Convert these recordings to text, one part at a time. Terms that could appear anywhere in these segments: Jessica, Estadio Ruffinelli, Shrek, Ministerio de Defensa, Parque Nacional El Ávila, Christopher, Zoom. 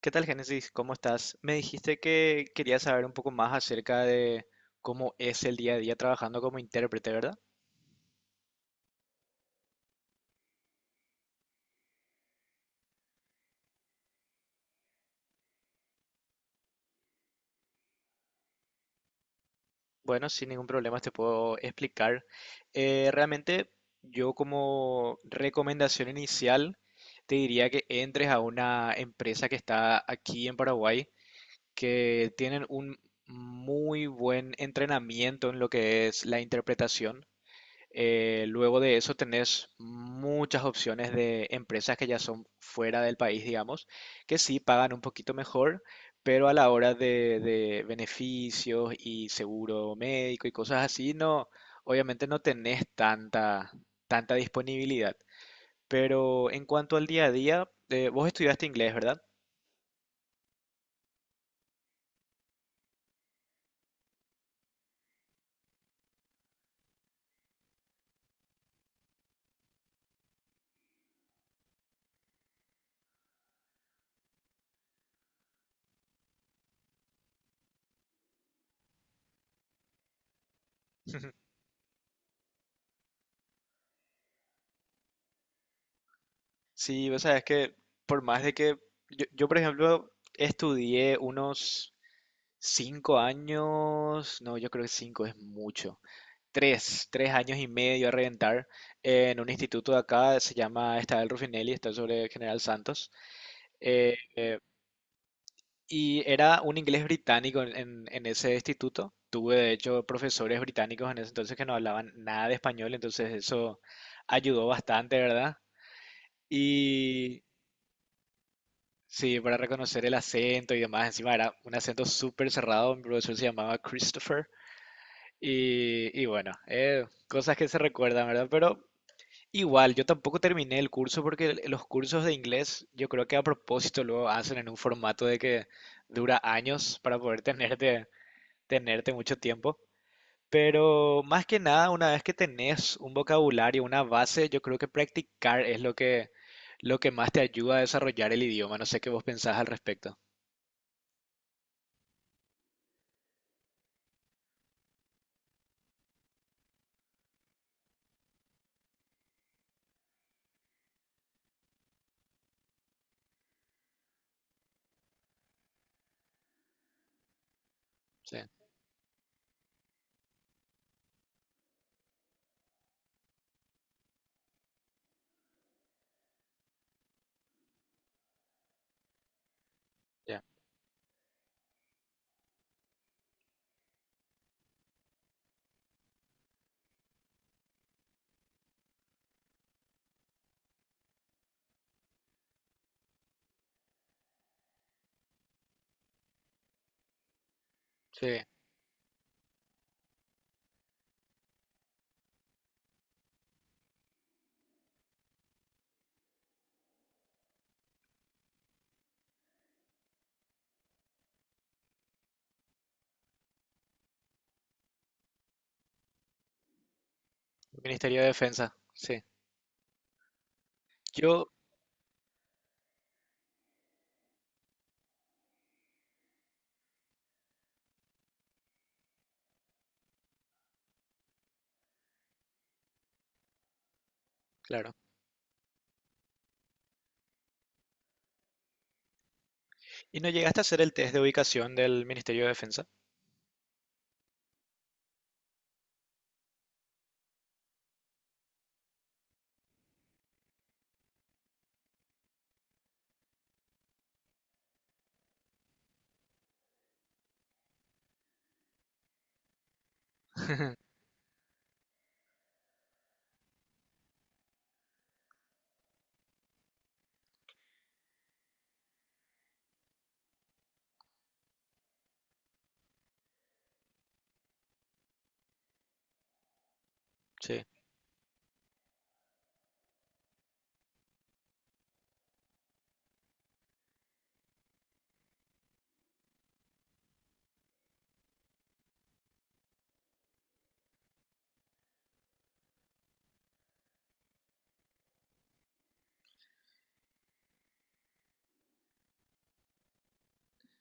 ¿Qué tal, Génesis? ¿Cómo estás? Me dijiste que querías saber un poco más acerca de cómo es el día a día trabajando como intérprete, ¿verdad? Bueno, sin ningún problema te puedo explicar. Realmente yo, como recomendación inicial, te diría que entres a una empresa que está aquí en Paraguay, que tienen un muy buen entrenamiento en lo que es la interpretación. Luego de eso tenés muchas opciones de empresas que ya son fuera del país, digamos, que sí pagan un poquito mejor, pero a la hora de beneficios y seguro médico y cosas así, no, obviamente no tenés tanta disponibilidad. Pero en cuanto al día a día, vos estudiaste inglés, ¿verdad? Sí, vos sabés que por más de que yo, por ejemplo, estudié unos 5 años, no, yo creo que cinco es mucho. Tres años y medio a reventar en un instituto de acá, se llama Estadio Ruffinelli, está sobre General Santos. Eh, eh, y era un inglés británico en ese instituto. Tuve, de hecho, profesores británicos en ese entonces que no hablaban nada de español, entonces eso ayudó bastante, ¿verdad? Y sí, para reconocer el acento y demás, encima era un acento súper cerrado, mi profesor se llamaba Christopher. Y bueno, cosas que se recuerdan, ¿verdad? Pero igual, yo tampoco terminé el curso porque los cursos de inglés yo creo que a propósito lo hacen en un formato de que dura años para poder tenerte mucho tiempo. Pero más que nada, una vez que tenés un vocabulario, una base, yo creo que practicar es lo que más te ayuda a desarrollar el idioma. No sé qué vos pensás al respecto. Sí, ya. Sí, Ministerio de Defensa. Sí. Yo, claro. ¿Y no llegaste a hacer el test de ubicación del Ministerio de Defensa? Sí.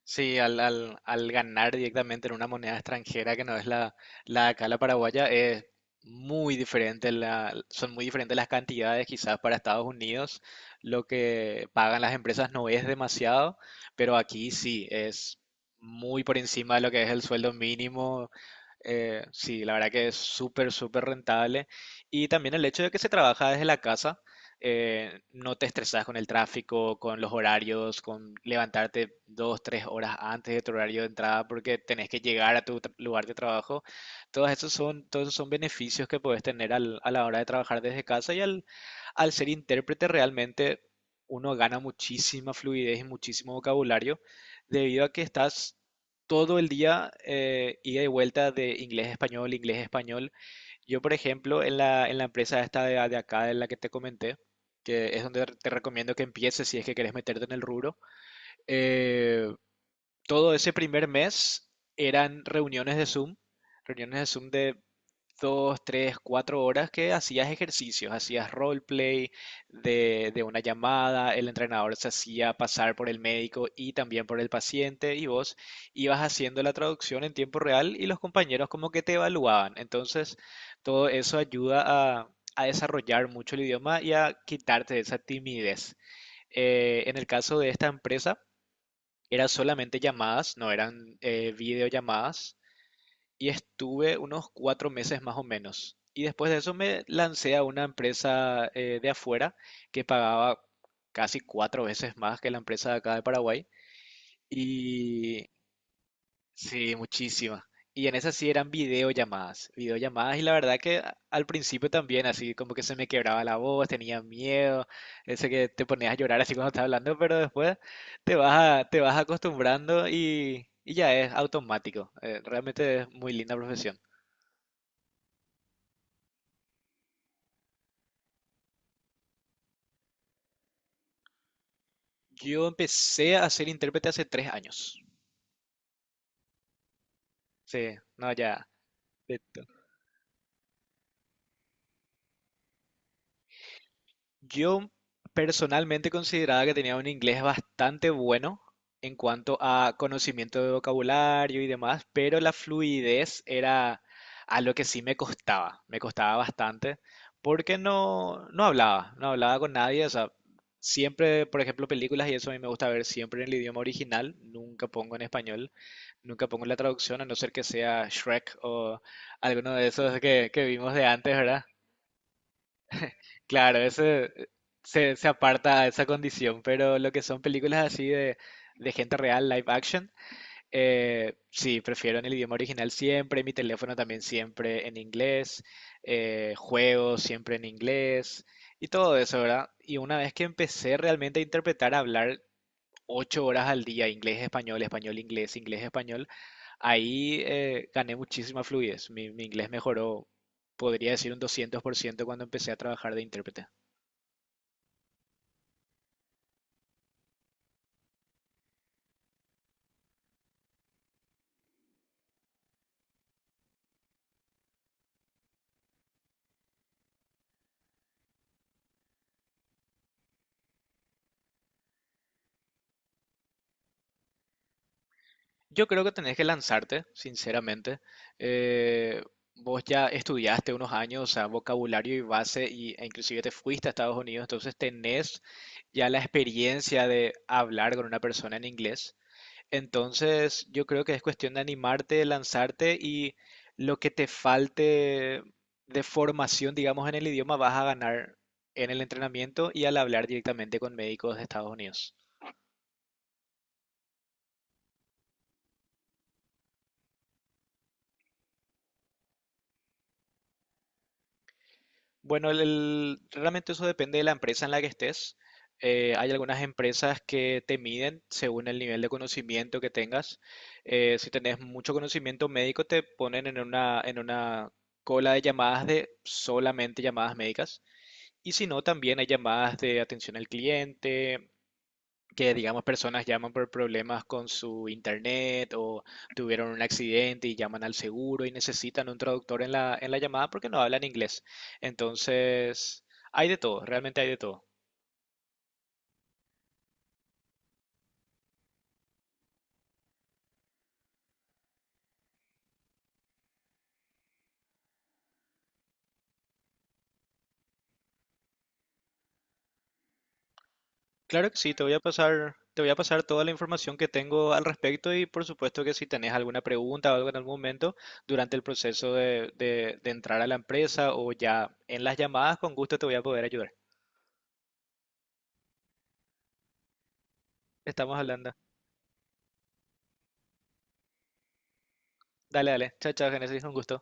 Sí, al ganar directamente en una moneda extranjera que no es la de acá, la paraguaya, es muy diferente, son muy diferentes las cantidades quizás para Estados Unidos, lo que pagan las empresas no es demasiado, pero aquí sí, es muy por encima de lo que es el sueldo mínimo. Sí, la verdad que es súper, súper rentable. Y también el hecho de que se trabaja desde la casa. No te estresas con el tráfico, con los horarios, con levantarte 2, 3 horas antes de tu horario de entrada porque tenés que llegar a tu lugar de trabajo. Todos esos son beneficios que puedes tener a la hora de trabajar desde casa y al ser intérprete realmente uno gana muchísima fluidez y muchísimo vocabulario debido a que estás todo el día ida y vuelta de inglés a español, inglés a español. Yo, por ejemplo, en en la empresa esta de acá, de la que te comenté, que es donde te recomiendo que empieces si es que querés meterte en el rubro, eh, todo ese primer mes eran reuniones de Zoom de dos, tres, 4 horas, que hacías ejercicios, hacías roleplay de una llamada, el entrenador se hacía pasar por el médico y también por el paciente y vos ibas haciendo la traducción en tiempo real y los compañeros como que te evaluaban. Entonces, todo eso ayuda a, a desarrollar mucho el idioma y a quitarte esa timidez. En el caso de esta empresa, eran solamente llamadas, no eran videollamadas, y estuve unos 4 meses más o menos. Y después de eso me lancé a una empresa de afuera que pagaba casi 4 veces más que la empresa de acá de Paraguay. Y sí, muchísima. Y en esas sí eran videollamadas, videollamadas, y la verdad que al principio también, así como que se me quebraba la voz, tenía miedo, ese que te ponías a llorar así cuando estás hablando, pero después te vas te vas acostumbrando y ya es automático. Realmente es muy linda profesión. Yo empecé a ser intérprete hace 3 años. Sí, no, ya. Yo personalmente consideraba que tenía un inglés bastante bueno en cuanto a conocimiento de vocabulario y demás, pero la fluidez era a lo que sí me costaba bastante, porque no, no hablaba, no hablaba con nadie, o sea, siempre, por ejemplo, películas y eso a mí me gusta ver siempre en el idioma original, nunca pongo en español, nunca pongo la traducción, a no ser que sea Shrek o alguno de esos que vimos de antes, ¿verdad? Claro, ese se aparta a esa condición, pero lo que son películas así de gente real, live action, sí, prefiero en el idioma original siempre, mi teléfono también siempre en inglés, juegos siempre en inglés y todo eso, ¿verdad? Y una vez que empecé realmente a interpretar, a hablar 8 horas al día, inglés, español, español, inglés, inglés, español, ahí gané muchísima fluidez, mi inglés mejoró, podría decir un 200% cuando empecé a trabajar de intérprete. Yo creo que tenés que lanzarte, sinceramente. Eh, vos ya estudiaste unos años, o sea, vocabulario y base, e inclusive te fuiste a Estados Unidos, entonces tenés ya la experiencia de hablar con una persona en inglés. Entonces, yo creo que es cuestión de animarte, lanzarte y lo que te falte de formación, digamos, en el idioma, vas a ganar en el entrenamiento y al hablar directamente con médicos de Estados Unidos. Bueno, realmente eso depende de la empresa en la que estés. Hay algunas empresas que te miden según el nivel de conocimiento que tengas. Si tenés mucho conocimiento médico, te ponen en una cola de llamadas, de solamente llamadas médicas. Y si no, también hay llamadas de atención al cliente, que digamos personas llaman por problemas con su internet o tuvieron un accidente y llaman al seguro y necesitan un traductor en en la llamada porque no hablan inglés. Entonces, hay de todo, realmente hay de todo. Claro que sí, te voy a pasar, te voy a pasar toda la información que tengo al respecto y por supuesto que si tenés alguna pregunta o algo en algún momento durante el proceso de entrar a la empresa o ya en las llamadas, con gusto te voy a poder ayudar. Estamos hablando. Dale, dale. Chao, chao, Génesis, un gusto.